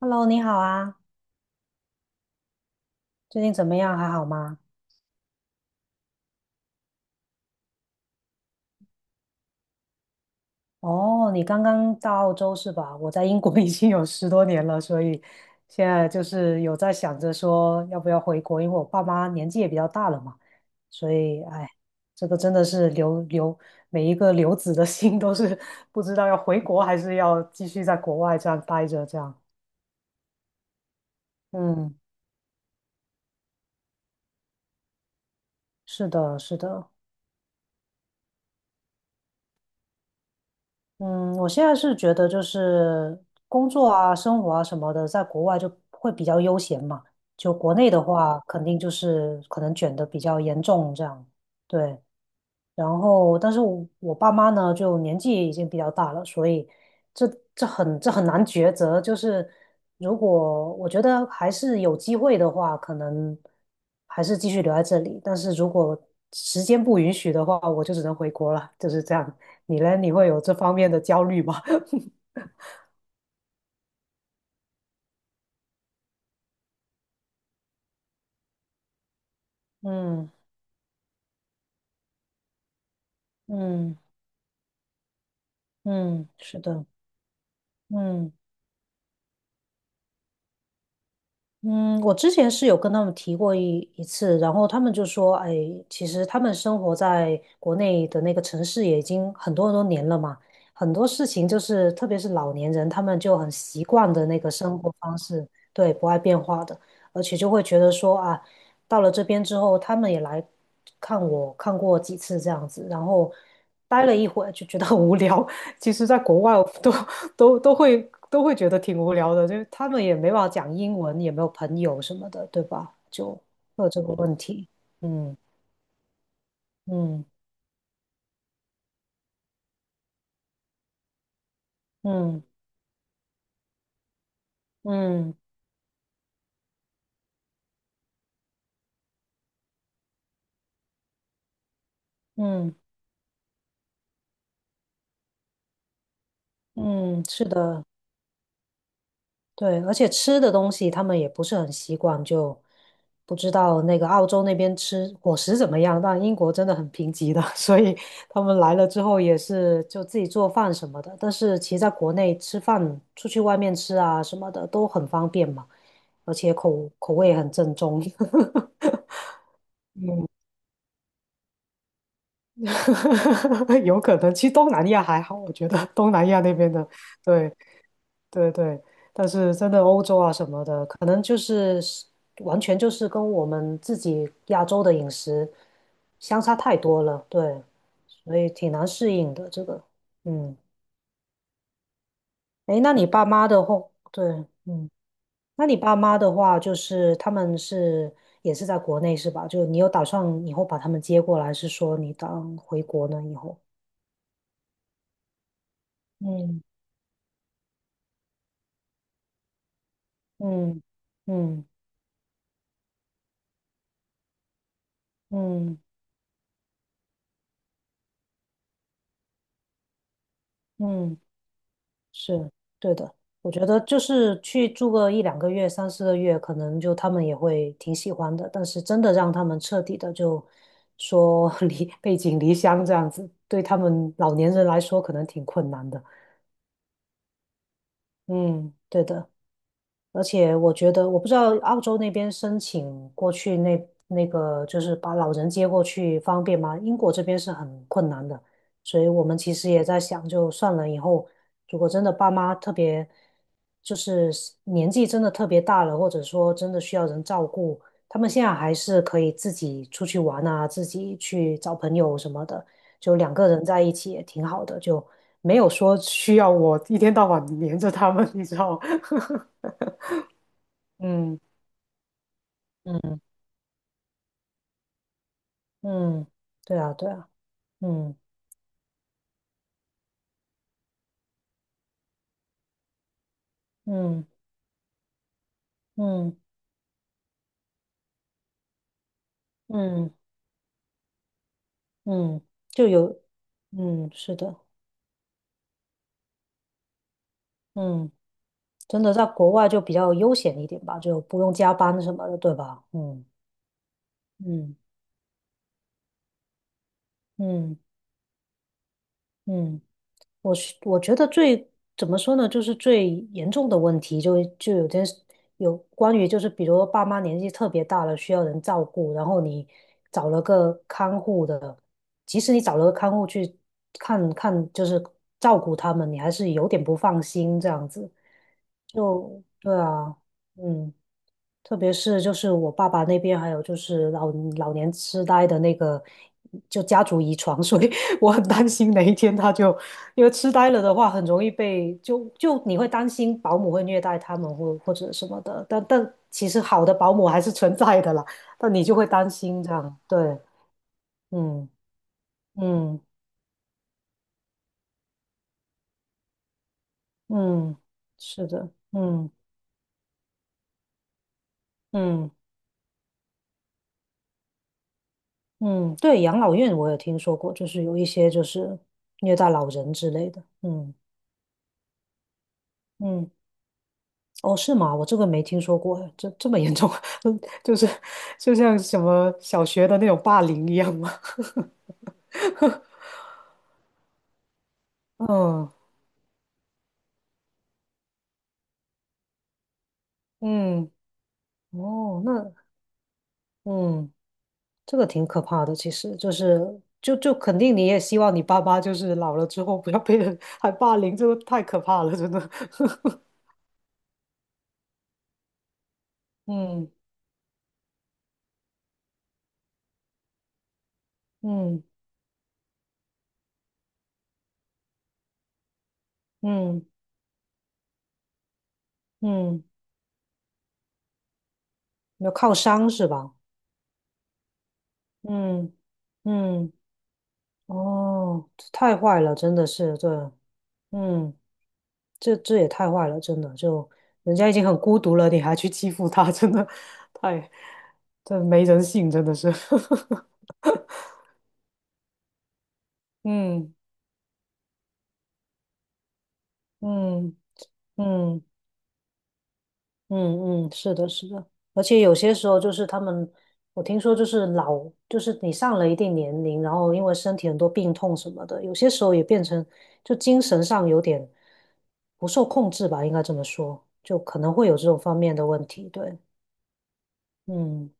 Hello，你好啊，最近怎么样？还好吗？哦，你刚刚到澳洲是吧？我在英国 已经有10多年了，所以现在就是有在想着说要不要回国，因为我爸妈年纪也比较大了嘛，所以哎，这个真的是留每一个留子的 心都是不知道要回国还是要继续在国外这样待着这样。嗯，是的，是的。嗯，我现在是觉得就是工作啊、生活啊什么的，在国外就会比较悠闲嘛。就国内的话，肯定就是可能卷的比较严重这样。对，然后，但是我爸妈呢，就年纪也已经比较大了，所以这这很难抉择。就是如果我觉得还是有机会的话，可能还是继续留在这里。但是如果时间不允许的话，我就只能回国了，就是这样。你呢？你会有这方面的焦虑吗？嗯嗯嗯，是的，嗯。嗯，我之前是有跟他们提过一次，然后他们就说，哎，其实他们生活在国内的那个城市也已经很多很多年了嘛，很多事情就是，特别是老年人，他们就很习惯的那个生活方式，对，不爱变化的，而且就会觉得说啊，到了这边之后，他们也来看我，看过几次这样子，然后待了一会儿就觉得很无聊。其实，在国外我都会觉得挺无聊的，就是他们也没办法讲英文，也没有朋友什么的，对吧？就会有这个问题。嗯嗯嗯嗯嗯嗯嗯，是的。对，而且吃的东西他们也不是很习惯，就不知道那个澳洲那边吃伙食怎么样。但英国真的很贫瘠的，所以他们来了之后也是就自己做饭什么的。但是其实在国内吃饭，出去外面吃啊什么的都很方便嘛，而且口味很正宗。有可能，其实东南亚还好，我觉得东南亚那边的，对，对对，但是真的欧洲啊什么的，可能就是完全就是跟我们自己亚洲的饮食相差太多了，对，所以挺难适应的这个。嗯，诶，那你爸妈的话，对，嗯，那你爸妈的话，就是他们是也是在国内是吧？就你有打算以后把他们接过来，是说你当回国呢以后？嗯嗯嗯嗯嗯。是对的，我觉得就是去住个一两个月、三四个月，可能就他们也会挺喜欢的。但是真的让他们彻底的就说 离背井离乡这样子，对他们老年人来说可能挺困难的。嗯，对的。而且我觉得，我不知道澳洲那边申请过去那个，就是把老人接过去方便吗？英国这边是很困难的，所以我们其实也在想，就算了以后，如果真的爸妈特别，就是年纪真的特别大了，或者说真的需要人照顾，他们现在还是可以自己出去玩啊，自己去找朋友什么的，就两个人在一起也挺好的，就没有说需要我一天到晚黏着他们，你知道吗 嗯。嗯嗯，对啊对啊，嗯嗯嗯嗯嗯，就有，嗯是的，嗯，真的在国外就比较悠闲一点吧，就不用加班什么的，对吧？嗯嗯嗯嗯我觉得最怎么说呢，就是最严重的问题就有件事有关于就是，比如爸妈年纪特别大了，需要人照顾，然后你找了个看护的，即使你找了个看护去看看，就是照顾他们，你还是有点不放心这样子。就对啊，嗯。特别是就是我爸爸那边，还有就是老年痴呆的那个，就家族遗传，所以 我很担心哪一天他就，因为痴呆了的话，很容易被你会担心保姆会虐待他们或者什么的，但其实好的保姆还是存在的啦，但你就会担心这样，对，嗯嗯嗯，是的，嗯嗯嗯，对，养老院我也听说过，就是有一些就是虐待老人之类的，嗯。嗯。哦，是吗？我这个没听说过，这么严重，就是就像什么小学的那种霸凌一样吗？嗯嗯，哦，那嗯，这个挺可怕的，其实就是肯定你也希望你爸爸就是老了之后不要被人还霸凌，这个太可怕了，真的。嗯嗯嗯嗯，要靠山是吧？嗯嗯，哦，太坏了，真的是，对，嗯。这也太坏了，真的，就人家已经很孤独了，你还去欺负他，真的太，这没人性，真的是。嗯嗯嗯嗯嗯，是的，是的，而且有些时候就是他们，我听说就是老，就是你上了一定年龄，然后因为身体很多病痛什么的，有些时候也变成就精神上有点不受控制吧，应该这么说，就可能会有这种方面的问题，对，嗯。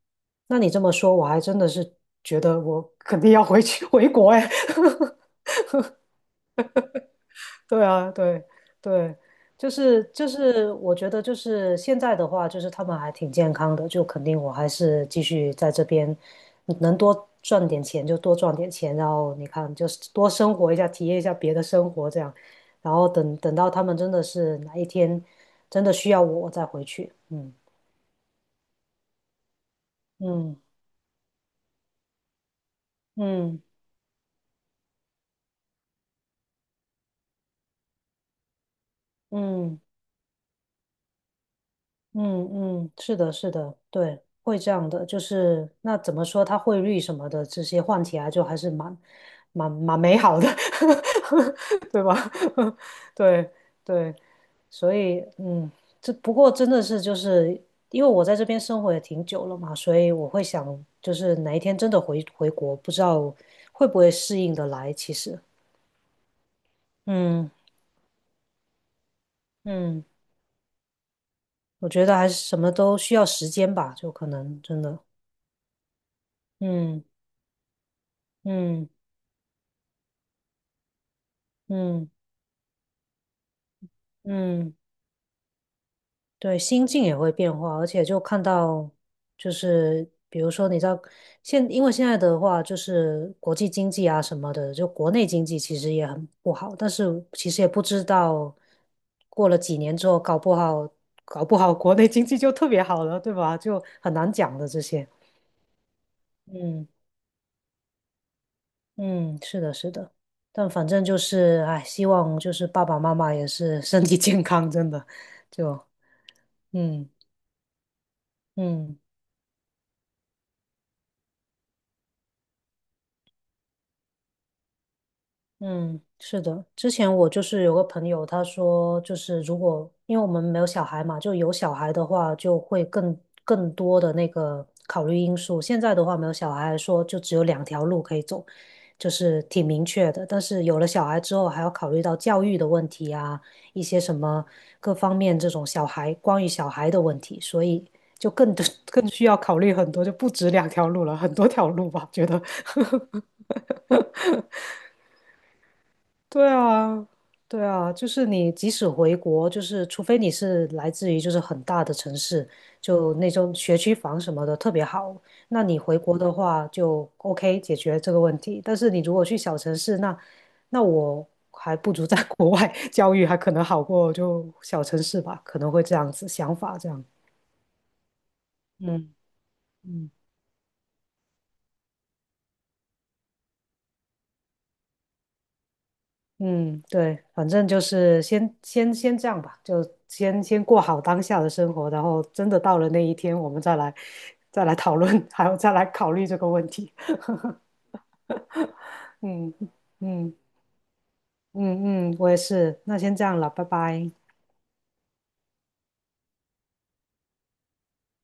那你这么说，我还真的是觉得我肯定要回去 回国哎。对啊，对对，就是，我觉得就是现在的话，就是他们还挺健康的，就肯定我还是继续在这边，能多赚点钱就多赚点钱，然后你看就是多生活一下，体验一下别的生活这样，然后等等到他们真的是哪一天真的需要我，我再回去。嗯嗯嗯嗯。嗯嗯，是的，是的，对，会这样的，就是那怎么说，它汇率什么的这些换起来就还是蛮美好的，对吧？对对，所以嗯，这不过真的是就是因为我在这边生活也挺久了嘛，所以我会想，就是哪一天真的回国，不知道会不会适应的来。其实，嗯嗯，我觉得还是什么都需要时间吧，就可能真的，嗯嗯。嗯嗯，对，心境也会变化，而且就看到，就是比如说，你知道，因为现在的话，就是国际经济啊什么的，就国内经济其实也很不好，但是其实也不知道，过了几年之后，搞不好国内经济就特别好了，对吧？就很难讲的这些。嗯嗯，是的，是的，但反正就是，哎，希望就是爸爸妈妈也是身体健康，真的，就嗯嗯。嗯，是的，之前我就是有个朋友，他说就是如果因为我们没有小孩嘛，就有小孩的话，就会更多的那个考虑因素。现在的话，没有小孩来说，就只有两条路可以走，就是挺明确的。但是有了小孩之后，还要考虑到教育的问题啊，一些什么各方面这种小孩关于小孩的问题，所以就更 更需要考虑很多，就不止两条路了，很多条路吧，觉得。对啊，对啊，就是你即使回国，就是除非你是来自于就是很大的城市，就那种学区房什么的特别好，那你回国的话就 OK 解决这个问题。但是你如果去小城市，那我还不如在 国外教育还可能好过就小城市吧，可能会这样子想法这样。嗯嗯。嗯，对，反正就是先这样吧，就先过好当下的生活，然后真的到了那一天，我们再来讨论，还有再来考虑这个问题。嗯嗯嗯嗯，我也是，那先这样了，拜拜。